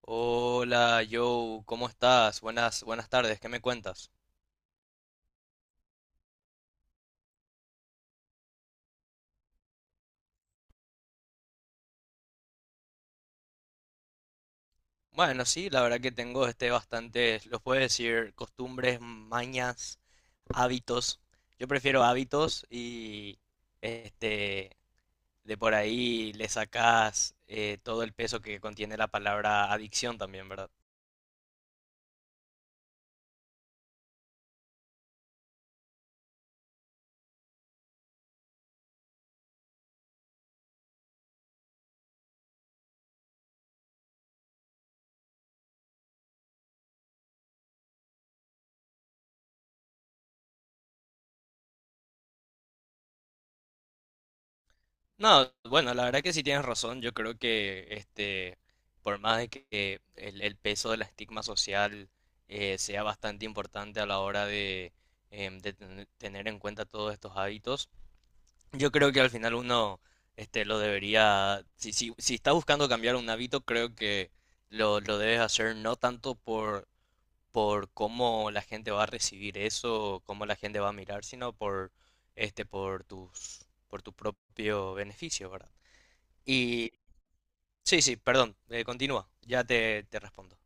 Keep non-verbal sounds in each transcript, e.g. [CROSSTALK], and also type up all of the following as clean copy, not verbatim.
Hola, Joe, ¿cómo estás? Buenas, buenas tardes, ¿qué me cuentas? Bueno, sí, la verdad que tengo bastante, los puedo decir, costumbres, mañas, hábitos. Yo prefiero hábitos y este de por ahí le sacas todo el peso que contiene la palabra adicción también, ¿verdad? No, bueno, la verdad que sí tienes razón. Yo creo que por más de que el peso del estigma social sea bastante importante a la hora de, tener en cuenta todos estos hábitos, yo creo que al final uno lo debería, si está buscando cambiar un hábito, creo que lo debes hacer no tanto por cómo la gente va a recibir eso, cómo la gente va a mirar, sino por, por tus, por tu propio beneficio, ¿verdad? Y sí, sí, perdón, continúa, ya te respondo.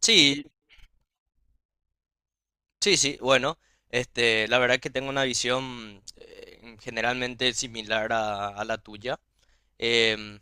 Sí, sí, sí, bueno, la verdad que tengo una visión generalmente similar a la tuya. Em,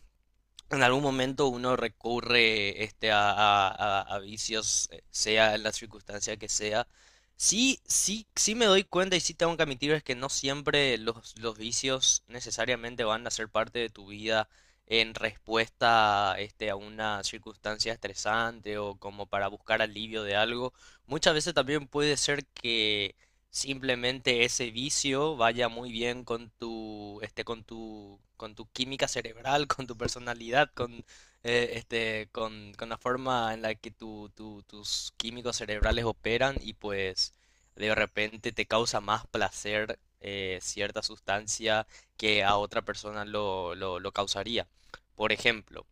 en algún momento uno recurre a vicios, sea en la circunstancia que sea. Sí, sí, sí me doy cuenta y sí tengo que admitir es que no siempre los vicios necesariamente van a ser parte de tu vida en respuesta a una circunstancia estresante o como para buscar alivio de algo. Muchas veces también puede ser que simplemente ese vicio vaya muy bien con tu, con tu, con tu química cerebral, [LAUGHS] con tu personalidad, con, con la forma en la que tus químicos cerebrales operan y pues de repente te causa más placer cierta sustancia que a otra persona lo causaría. Por ejemplo,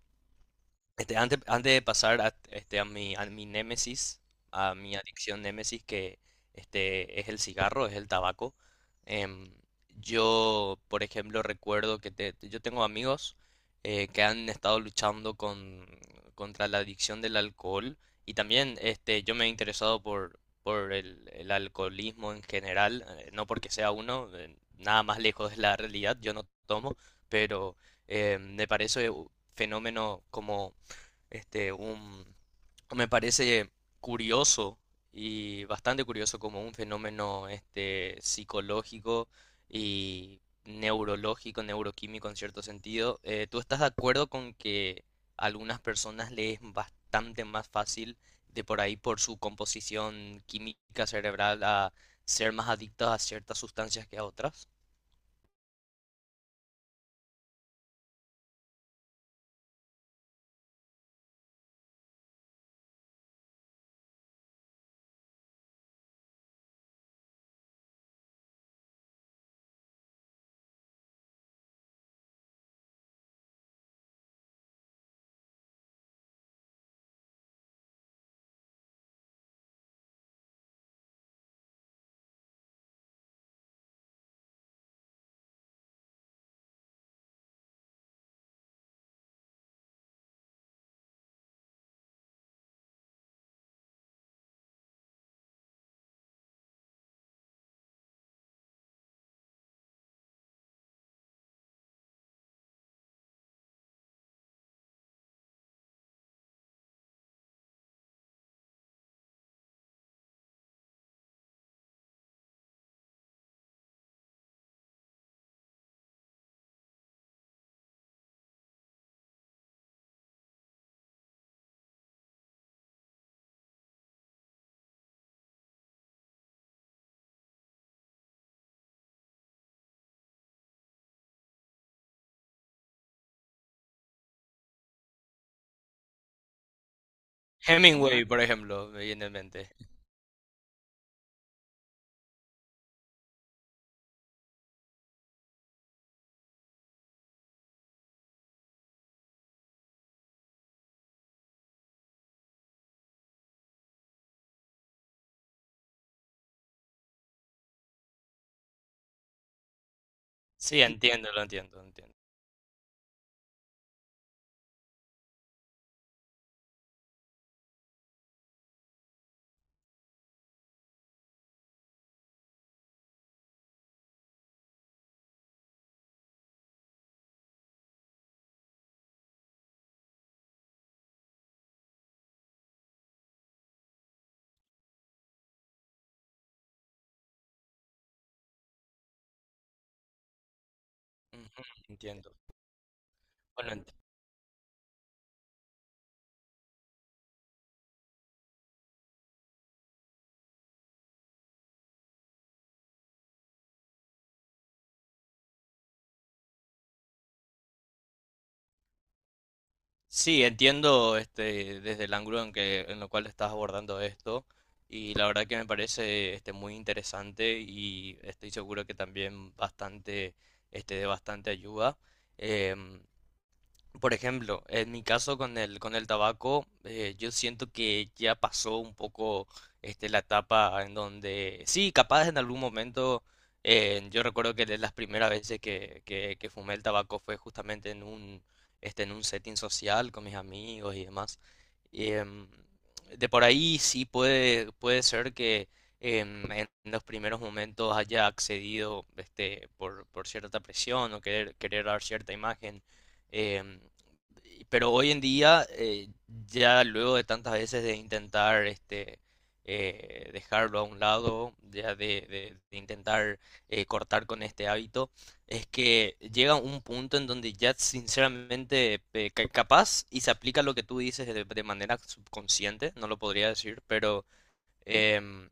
antes de pasar a, a mi némesis, a mi adicción némesis, que es el cigarro, es el tabaco, em, yo, por ejemplo, recuerdo que yo tengo amigos que han estado luchando con, contra la adicción del alcohol y también yo me he interesado por el alcoholismo en general, no porque sea uno, nada más lejos de la realidad, yo no tomo, pero me parece un fenómeno como este, un, me parece curioso y bastante curioso como un fenómeno psicológico y neurológico, neuroquímico en cierto sentido. ¿Tú estás de acuerdo con que a algunas personas les es bastante más fácil de por ahí por su composición química cerebral a ser más adictos a ciertas sustancias que a otras? Hemingway, por ejemplo, me viene en mente. Sí, entiendo, lo entiendo, entiendo. Ujú, entiendo. Bueno, sí, entiendo desde el ángulo en que, en lo cual estás abordando esto y la verdad que me parece muy interesante y estoy seguro que también bastante, de bastante ayuda. Em, por ejemplo, en mi caso con el tabaco, yo siento que ya pasó un poco la etapa en donde, sí, capaz en algún momento, yo recuerdo que de las primeras veces que fumé el tabaco fue justamente en un, en un setting social con mis amigos y demás. Em, de por ahí sí puede ser que en los primeros momentos haya accedido por cierta presión o querer dar cierta imagen. Em, pero hoy en día, ya luego de tantas veces de intentar dejarlo a un lado, ya de, de intentar cortar con este hábito, es que llega un punto en donde ya sinceramente capaz y se aplica lo que tú dices de manera subconsciente, no lo podría decir, pero... em,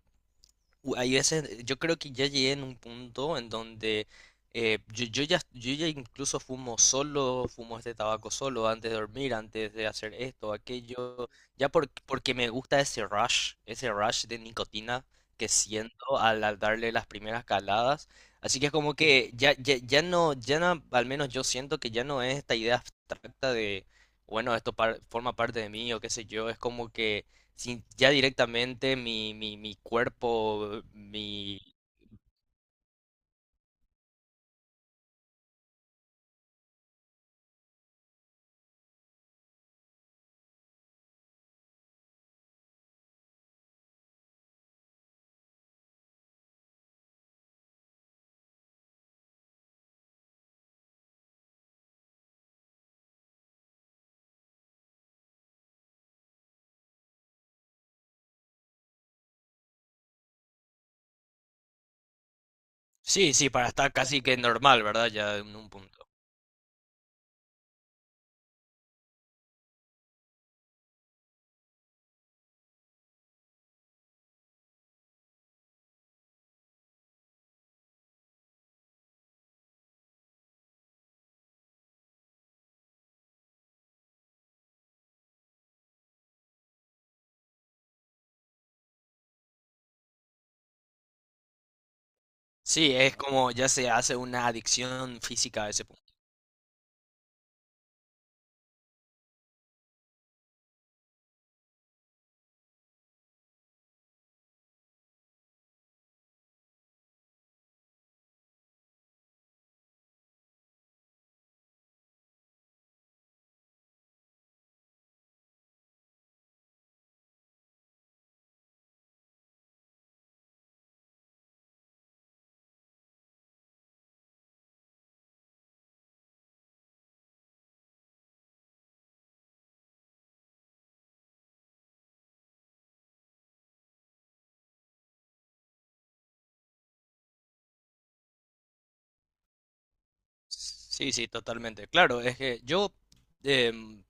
Hay veces, yo creo que ya llegué en un punto en donde yo ya incluso fumo solo, fumo este tabaco solo antes de dormir, antes de hacer esto, aquello, porque me gusta ese rush de nicotina que siento al, al darle las primeras caladas. Así que es como que ya no, ya no, al menos yo siento que ya no es esta idea abstracta de, bueno, forma parte de mí o qué sé yo, es como que sin ya directamente mi, mi cuerpo, mi... Sí, sí, para estar casi que normal, ¿verdad? Ya en un punto. Sí, es como ya se hace una adicción física a ese punto. Sí, sí, totalmente. Claro, es que yo, em,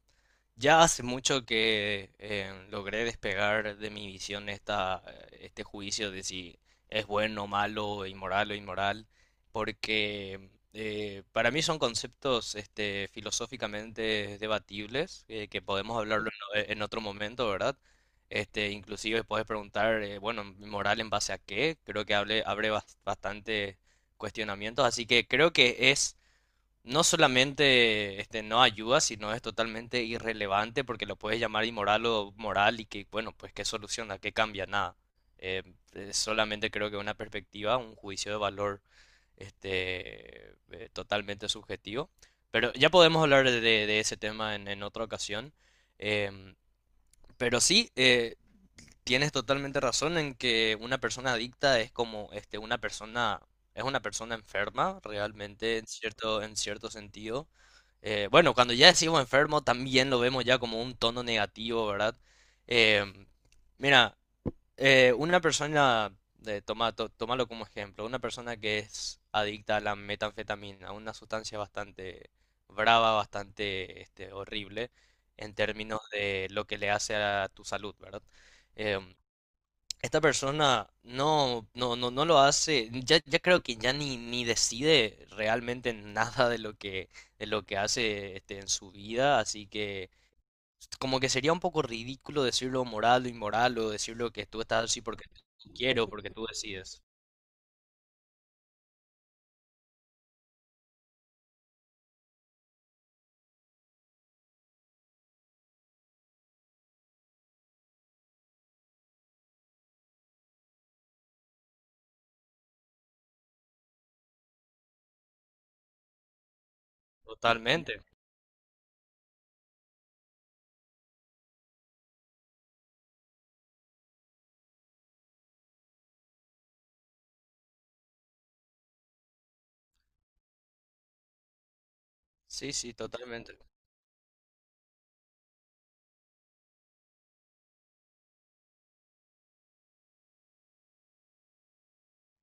ya hace mucho que logré despegar de mi visión esta, este juicio de si es bueno o malo, inmoral o inmoral, porque para mí son conceptos filosóficamente debatibles, que podemos hablarlo en otro momento, ¿verdad? Este, inclusive puedes preguntar, bueno, moral en base a qué, creo que hable, abre bastante cuestionamientos, así que creo que es no solamente no ayuda, sino es totalmente irrelevante porque lo puedes llamar inmoral o moral y que, bueno, pues qué soluciona, qué cambia, nada. Eh, solamente creo que una perspectiva, un juicio de valor totalmente subjetivo. Pero ya podemos hablar de ese tema en otra ocasión. Em, pero sí, tienes totalmente razón en que una persona adicta es como una persona, es una persona enferma, realmente, en cierto sentido. Bueno, cuando ya decimos enfermo, también lo vemos ya como un tono negativo, ¿verdad? Em, mira, una persona, tómalo como ejemplo, una persona que es adicta a la metanfetamina, una sustancia bastante brava, bastante horrible en términos de lo que le hace a tu salud, ¿verdad? Em, esta persona no lo hace, ya, ya creo que ya ni decide realmente nada de lo que, de lo que hace en su vida, así que como que sería un poco ridículo decirlo moral o inmoral o decirlo que tú estás así porque porque tú decides. Totalmente. Sí, sí, totalmente.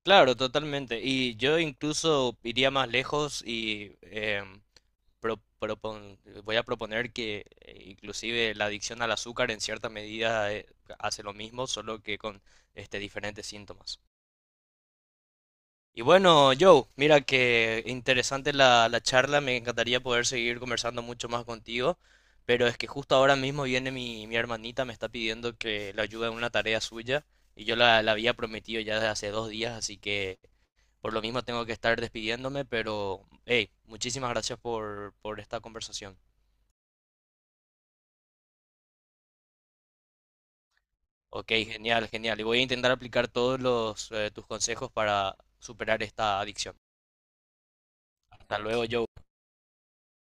Claro, totalmente. Y yo incluso iría más lejos y pro- propon- voy a proponer que inclusive la adicción al azúcar en cierta medida hace lo mismo, solo que con diferentes síntomas. Y bueno, Joe, mira que interesante la, la charla, me encantaría poder seguir conversando mucho más contigo, pero es que justo ahora mismo viene mi, mi hermanita, me está pidiendo que le ayude en una tarea suya y yo la, la había prometido ya desde hace 2 días, así que por lo mismo tengo que estar despidiéndome, pero hey, muchísimas gracias por esta conversación. Ok, genial, genial, y voy a intentar aplicar todos los, tus consejos para superar esta adicción. Hasta luego, Joe.